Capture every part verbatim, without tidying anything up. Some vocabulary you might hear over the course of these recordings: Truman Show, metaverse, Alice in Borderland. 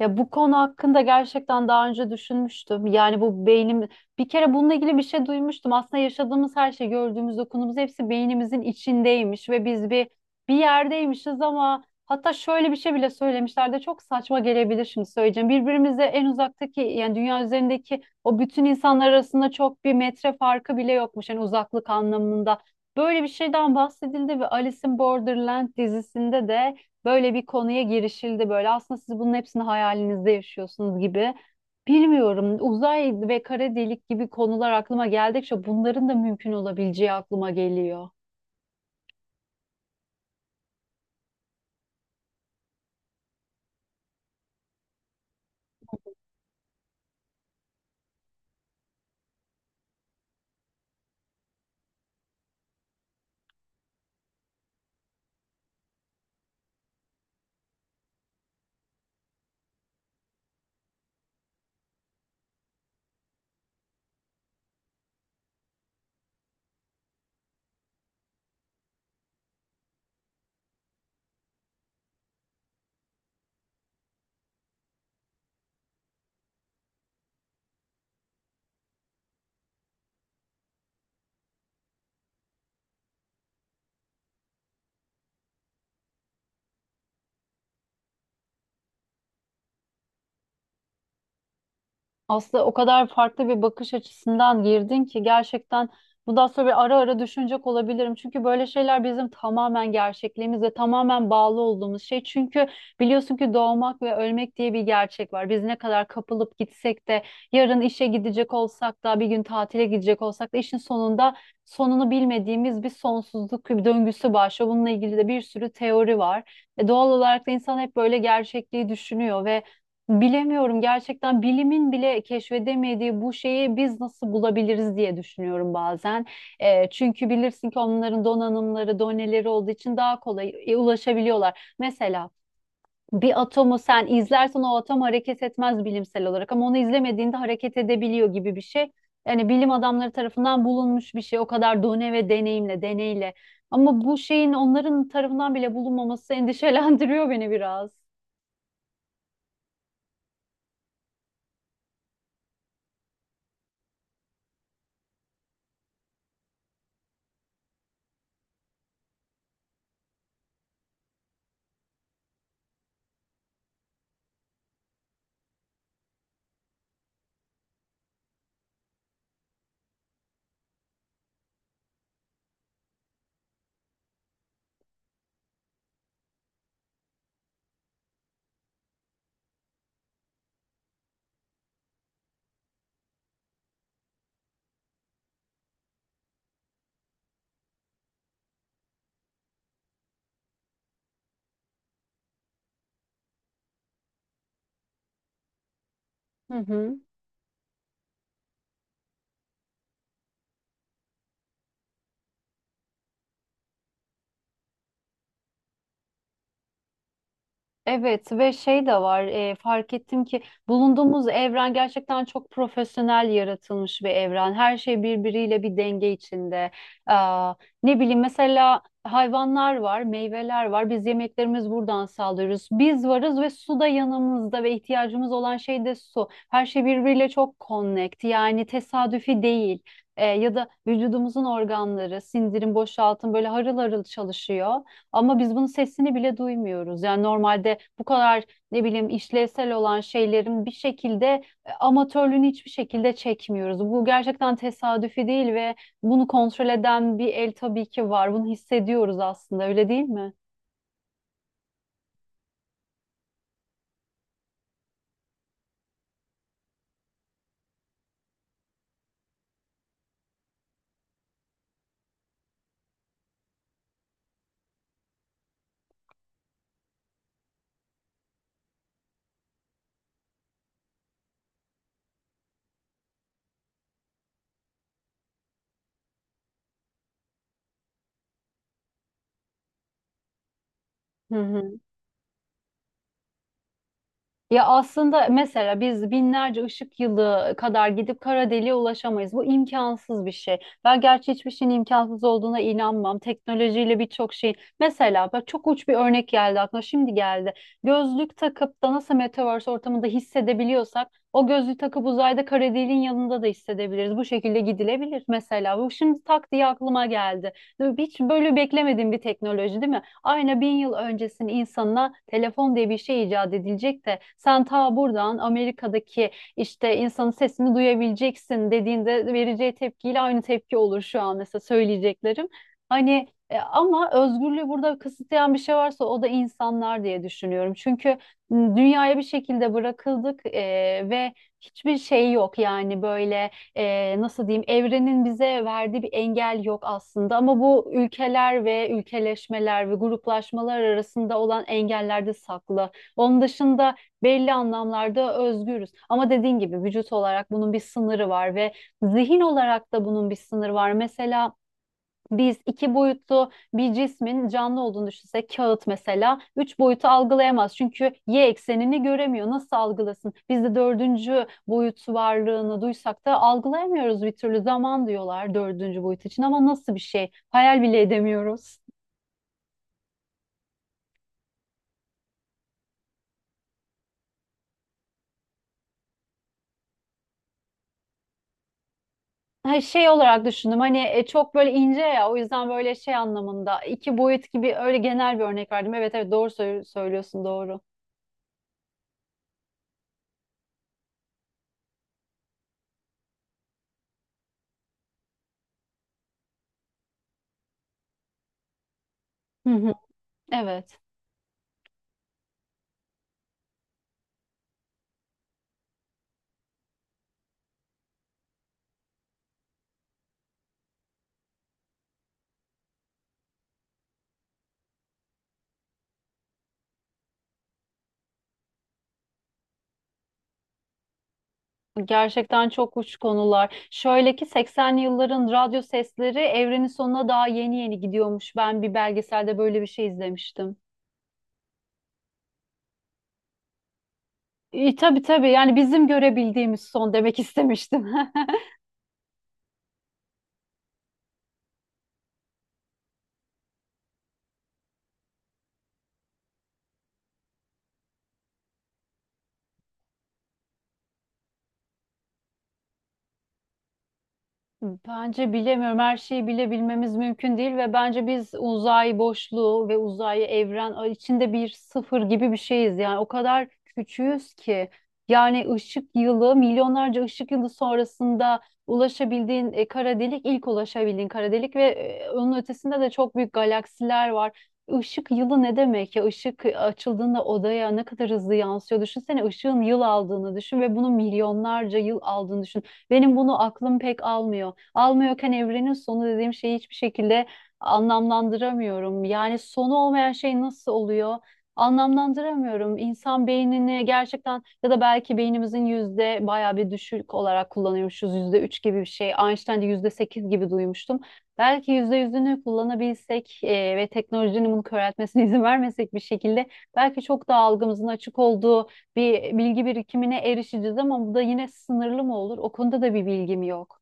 Ya bu konu hakkında gerçekten daha önce düşünmüştüm. Yani bu beynim bir kere bununla ilgili bir şey duymuştum. Aslında yaşadığımız her şey, gördüğümüz, dokunduğumuz hepsi beynimizin içindeymiş ve biz bir bir yerdeymişiz ama hatta şöyle bir şey bile söylemişler de çok saçma gelebilir şimdi söyleyeceğim. Birbirimize en uzaktaki yani dünya üzerindeki o bütün insanlar arasında çok bir metre farkı bile yokmuş yani uzaklık anlamında. Böyle bir şeyden bahsedildi ve Alice in Borderland dizisinde de böyle bir konuya girişildi böyle. Aslında siz bunun hepsini hayalinizde yaşıyorsunuz gibi. Bilmiyorum. Uzay ve kara delik gibi konular aklıma geldikçe bunların da mümkün olabileceği aklıma geliyor. Aslında o kadar farklı bir bakış açısından girdin ki gerçekten bundan sonra bir ara ara düşünecek olabilirim. Çünkü böyle şeyler bizim tamamen gerçekliğimizle tamamen bağlı olduğumuz şey. Çünkü biliyorsun ki doğmak ve ölmek diye bir gerçek var. Biz ne kadar kapılıp gitsek de yarın işe gidecek olsak da bir gün tatile gidecek olsak da işin sonunda sonunu bilmediğimiz bir sonsuzluk bir döngüsü başlıyor. Bununla ilgili de bir sürü teori var. E, doğal olarak da insan hep böyle gerçekliği düşünüyor ve bilemiyorum gerçekten bilimin bile keşfedemediği bu şeyi biz nasıl bulabiliriz diye düşünüyorum bazen. Eee, çünkü bilirsin ki onların donanımları, doneleri olduğu için daha kolay e, ulaşabiliyorlar. Mesela bir atomu sen izlersen o atom hareket etmez bilimsel olarak ama onu izlemediğinde hareket edebiliyor gibi bir şey. Yani bilim adamları tarafından bulunmuş bir şey o kadar done ve deneyimle, deneyle. Ama bu şeyin onların tarafından bile bulunmaması endişelendiriyor beni biraz. Hı hı. Evet ve şey de var, e, fark ettim ki bulunduğumuz evren gerçekten çok profesyonel yaratılmış bir evren. Her şey birbiriyle bir denge içinde. Aa, ne bileyim mesela hayvanlar var, meyveler var. Biz yemeklerimiz buradan sağlıyoruz. Biz varız ve su da yanımızda ve ihtiyacımız olan şey de su. Her şey birbiriyle çok connect, yani tesadüfi değil. E, ya da vücudumuzun organları, sindirim, boşaltım böyle harıl harıl çalışıyor. Ama biz bunun sesini bile duymuyoruz. Yani normalde bu kadar ne bileyim işlevsel olan şeylerin bir şekilde e, amatörlüğünü hiçbir şekilde çekmiyoruz. Bu gerçekten tesadüfi değil ve bunu kontrol eden bir el tabii ki var. Bunu hissediyoruz aslında, öyle değil mi? Hı hı. Ya aslında mesela biz binlerce ışık yılı kadar gidip kara deliğe ulaşamayız. Bu imkansız bir şey. Ben gerçi hiçbir şeyin imkansız olduğuna inanmam. Teknolojiyle birçok şey. Mesela bak çok uç bir örnek geldi aklıma. Şimdi geldi. Gözlük takıp da nasıl metaverse ortamında hissedebiliyorsak o gözlüğü takıp uzayda kara deliğin yanında da hissedebiliriz. Bu şekilde gidilebilir mesela. Bu şimdi tak diye aklıma geldi. Hiç böyle beklemediğim bir teknoloji değil mi? Aynı bin yıl öncesinin insanına telefon diye bir şey icat edilecek de sen ta buradan Amerika'daki işte insanın sesini duyabileceksin dediğinde vereceği tepkiyle aynı tepki olur şu an mesela söyleyeceklerim. Hani e, ama özgürlüğü burada kısıtlayan bir şey varsa o da insanlar diye düşünüyorum. Çünkü m, dünyaya bir şekilde bırakıldık e, ve hiçbir şey yok yani böyle, e, nasıl diyeyim, evrenin bize verdiği bir engel yok aslında ama bu ülkeler ve ülkeleşmeler ve gruplaşmalar arasında olan engellerde saklı. Onun dışında belli anlamlarda özgürüz. Ama dediğin gibi vücut olarak bunun bir sınırı var ve zihin olarak da bunun bir sınırı var. Mesela biz iki boyutlu bir cismin canlı olduğunu düşünsek, kağıt mesela, üç boyutu algılayamaz çünkü Y eksenini göremiyor. Nasıl algılasın? Biz de dördüncü boyut varlığını duysak da algılayamıyoruz bir türlü. Zaman diyorlar dördüncü boyut için ama nasıl bir şey? Hayal bile edemiyoruz. Ha, şey olarak düşündüm, hani e, çok böyle ince ya, o yüzden böyle şey anlamında iki boyut gibi öyle genel bir örnek verdim. Evet, evet, doğru sö- söylüyorsun, doğru. Hı hı, evet. Gerçekten çok uç konular. Şöyle ki seksenli yılların radyo sesleri evrenin sonuna daha yeni yeni gidiyormuş. Ben bir belgeselde böyle bir şey izlemiştim. E, tabii tabii, yani bizim görebildiğimiz son demek istemiştim. Bence bilemiyorum. Her şeyi bilebilmemiz mümkün değil ve bence biz uzay boşluğu ve uzay evren içinde bir sıfır gibi bir şeyiz. Yani o kadar küçüğüz ki yani ışık yılı, milyonlarca ışık yılı sonrasında ulaşabildiğin e, kara delik, ilk ulaşabildiğin kara delik ve e, onun ötesinde de çok büyük galaksiler var. Işık yılı ne demek ya? Işık açıldığında odaya ne kadar hızlı yansıyor. Düşünsene ışığın yıl aldığını düşün ve bunun milyonlarca yıl aldığını düşün. Benim bunu aklım pek almıyor, almıyorken evrenin sonu dediğim şeyi hiçbir şekilde anlamlandıramıyorum. Yani sonu olmayan şey nasıl oluyor? Anlamlandıramıyorum. İnsan beynini gerçekten, ya da belki beynimizin yüzde bayağı bir düşük olarak kullanıyormuşuz. Yüzde üç gibi bir şey. Einstein'de yüzde sekiz gibi duymuştum. Belki yüzde yüzünü kullanabilsek e, ve teknolojinin bunu köreltmesine izin vermesek bir şekilde belki çok daha algımızın açık olduğu bir bilgi birikimine erişeceğiz ama bu da yine sınırlı mı olur? O konuda da bir bilgim yok.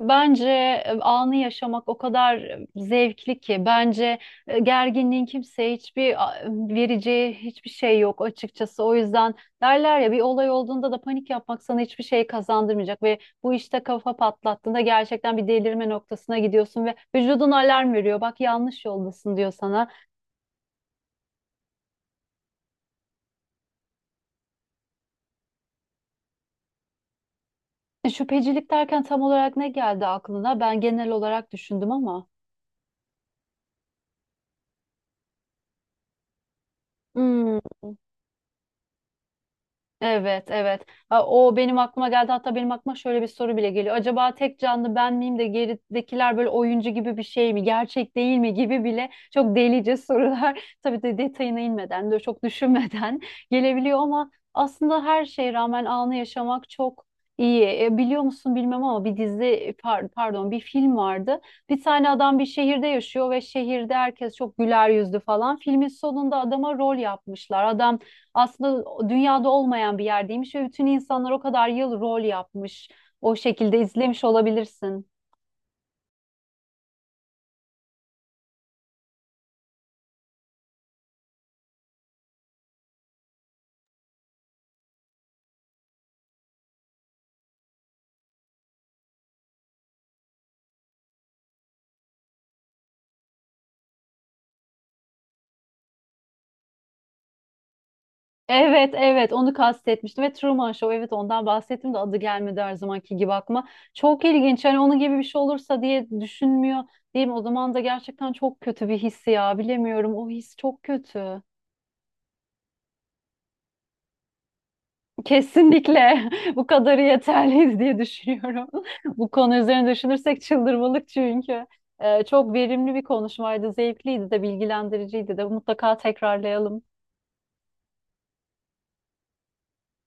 Bence e, anı yaşamak o kadar e, zevkli ki, bence e, gerginliğin kimseye hiçbir a, vereceği hiçbir şey yok açıkçası. O yüzden derler ya, bir olay olduğunda da panik yapmak sana hiçbir şey kazandırmayacak ve bu işte kafa patlattığında gerçekten bir delirme noktasına gidiyorsun ve vücudun alarm veriyor. Bak yanlış yoldasın diyor sana. E, Şüphecilik derken tam olarak ne geldi aklına? Ben genel olarak düşündüm ama. Hmm. Evet, evet. Ha, o benim aklıma geldi. Hatta benim aklıma şöyle bir soru bile geliyor. Acaba tek canlı ben miyim de geridekiler böyle oyuncu gibi bir şey mi? Gerçek değil mi gibi bile çok delice sorular. Tabii de detayına inmeden de çok düşünmeden gelebiliyor ama aslında her şeye rağmen anı yaşamak çok iyi. E, biliyor musun bilmem ama bir dizi, par- pardon, bir film vardı. Bir tane adam bir şehirde yaşıyor ve şehirde herkes çok güler yüzlü falan. Filmin sonunda adama rol yapmışlar. Adam aslında dünyada olmayan bir yerdeymiş ve bütün insanlar o kadar yıl rol yapmış. O şekilde izlemiş olabilirsin. Evet, evet, onu kastetmiştim ve Truman Show, evet, ondan bahsettim de adı gelmedi her zamanki gibi aklıma. Çok ilginç, hani onun gibi bir şey olursa diye düşünmüyor değil mi? O zaman da gerçekten çok kötü bir his ya, bilemiyorum, o his çok kötü. Kesinlikle bu kadarı yeterliyiz diye düşünüyorum. Bu konu üzerine düşünürsek çıldırmalık çünkü. Ee, çok verimli bir konuşmaydı, zevkliydi de, bilgilendiriciydi de. Mutlaka tekrarlayalım.